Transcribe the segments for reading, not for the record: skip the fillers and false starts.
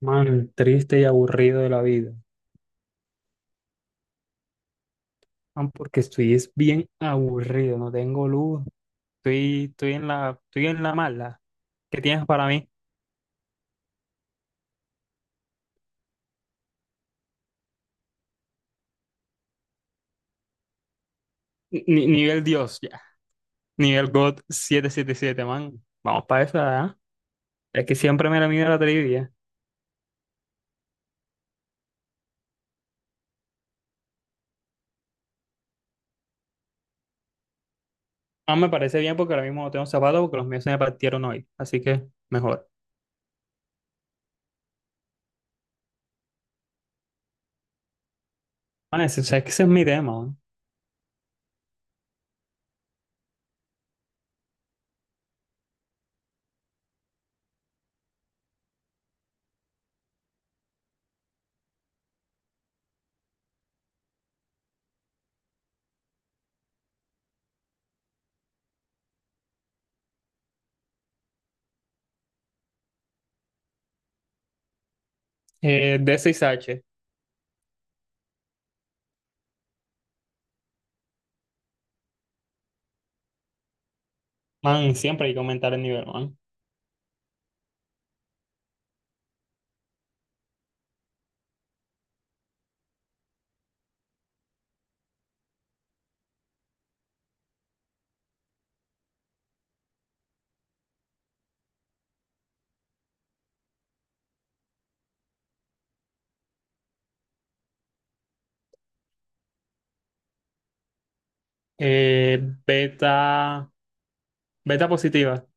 Man, triste y aburrido de la vida. Man, porque estoy es bien aburrido, no tengo luz, estoy en la mala. ¿Qué tienes para mí? Nivel Dios, ya. Nivel God 777, man. Vamos para esa, ¿ah? Es que siempre me la mide la trivia. Ah, me parece bien porque ahora mismo no tengo zapatos porque los míos se me partieron hoy. Así que mejor. Man, ese, o sea, es que ese es mi tema, man. D6H. Man, siempre hay que aumentar el nivel, man. Eh, beta, beta positiva.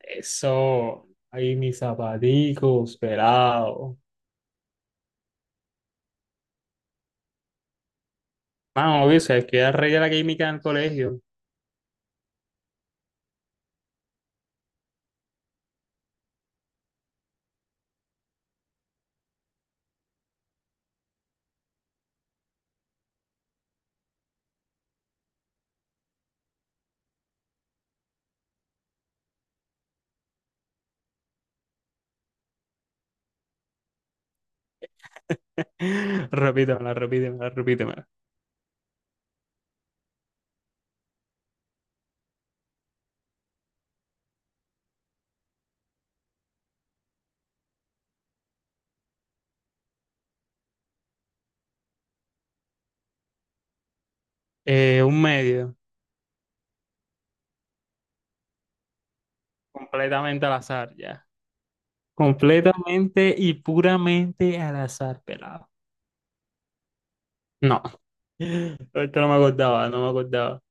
Eso, ahí mis zapaticos, pelado. Vamos, obvio, sabes que era rey de la química en el colegio. Repítemela, repítemela, repítemela. Un medio, completamente al azar, ya. Completamente y puramente al azar, pelado. No, esto no me acordaba, no me acordaba.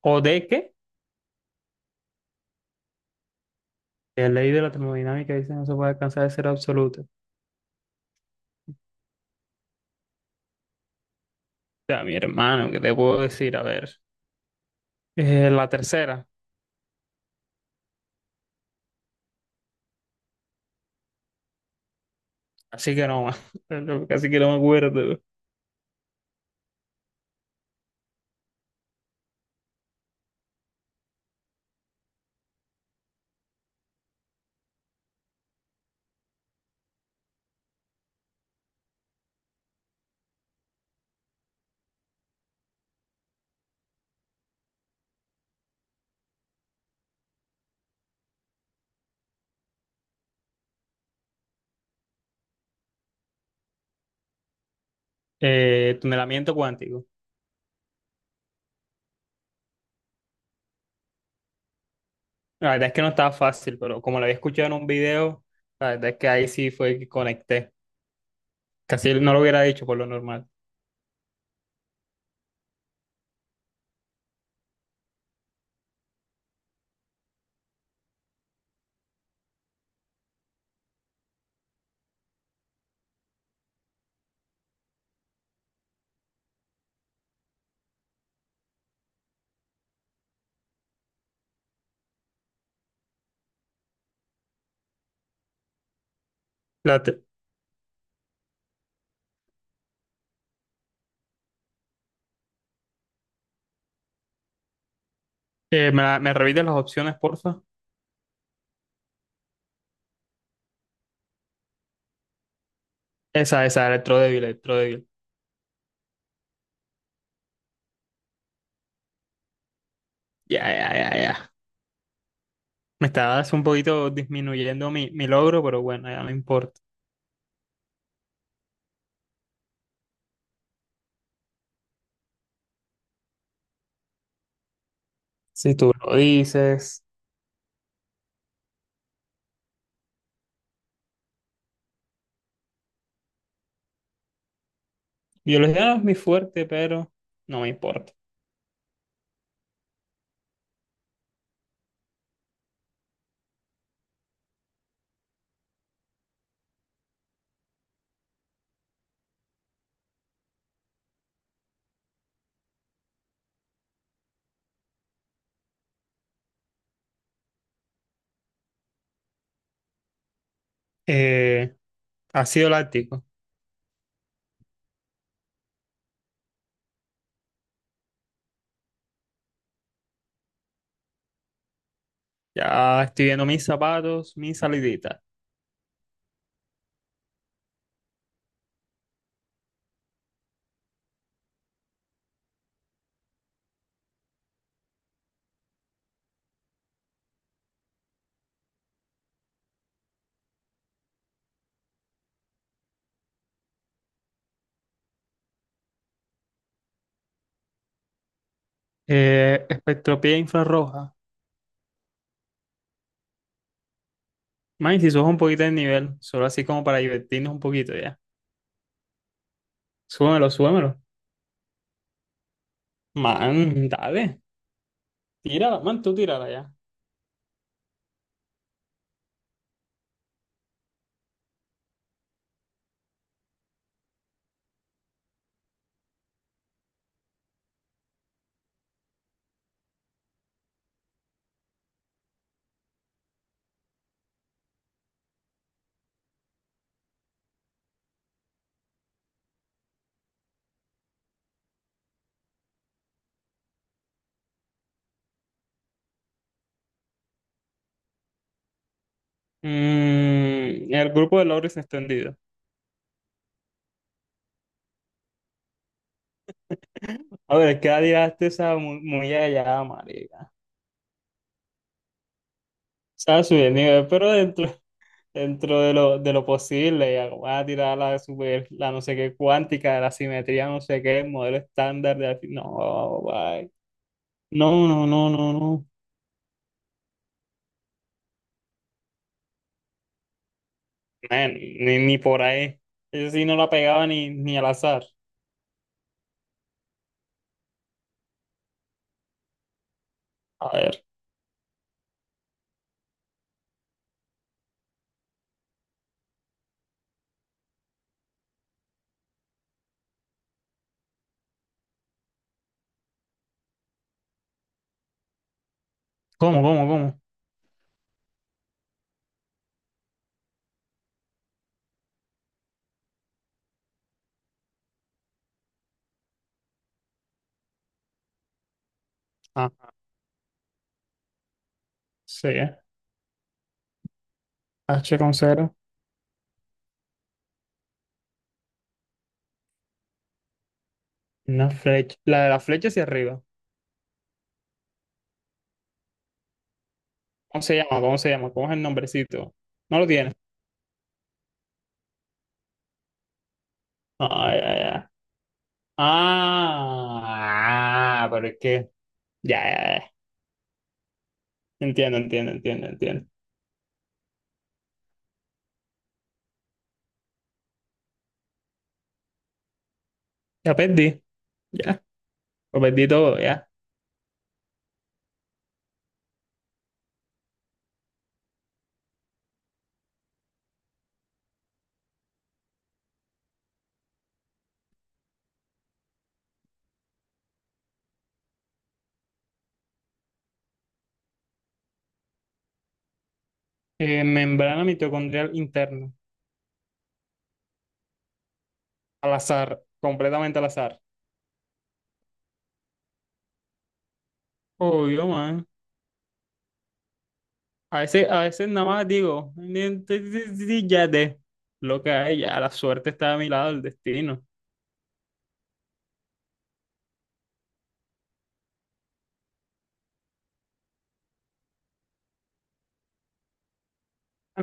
¿O de qué? La ley de la termodinámica dice no se puede alcanzar el cero absoluto. O sea, mi hermano, ¿qué te puedo decir? A ver, la tercera, así que no, casi que no me acuerdo. Tunelamiento cuántico. La verdad es que no estaba fácil, pero como lo había escuchado en un video, la verdad es que ahí sí fue que conecté. Casi no lo hubiera dicho por lo normal. La te- ¿me, la- me repites las opciones, porfa? Esa, electrodébil. Ya, ya, ya, ya. Me estabas un poquito disminuyendo mi logro, pero bueno, ya no importa. Si tú lo dices. Biología no es mi fuerte, pero no me importa. Eh, ácido láctico. Ya estoy viendo mis zapatos, mis saliditas. Espectropía infrarroja. Man, si subes un poquito de nivel, solo así como para divertirnos un poquito ya. Súbemelo, súbemelo. Man, dale. Tírala, man, tú tírala ya. Mm, el grupo de Loris extendido. A ver, ¿qué tiraste esa muy, muy allá, marica? O sea, subir el nivel, pero dentro de lo posible, ya. Voy a tirar la super, la no sé qué cuántica, la simetría, no sé qué, modelo estándar de... No, bye. No, no, no, no, no. Eh, ni, ni por ahí. Yo sí no la pegaba ni, ni al azar. A ver. ¿Cómo, cómo, cómo? Ah, sí. H con cero. Una flecha. La de la flecha hacia arriba. ¿Cómo se llama? ¿Cómo se llama? ¿Cómo es el nombrecito? No lo tiene. Ah, ya, ya. Ah, ah, pero es que. Ya, ya, ya. Entiendo, entiendo, entiendo, entiendo. Ya perdí. Ya. Lo perdí todo, ya. Membrana mitocondrial interna. Al azar. Completamente al azar. Obvio, man. A veces nada más digo, ya de lo que hay, ya la suerte está a mi lado, el destino."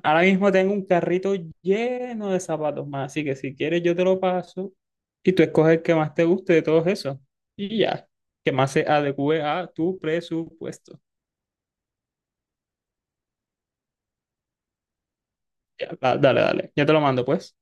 Ahora mismo tengo un carrito lleno de zapatos más, así que si quieres yo te lo paso y tú escoges el que más te guste de todos esos. Y ya, que más se adecue a tu presupuesto. Ya, dale, dale, ya te lo mando pues.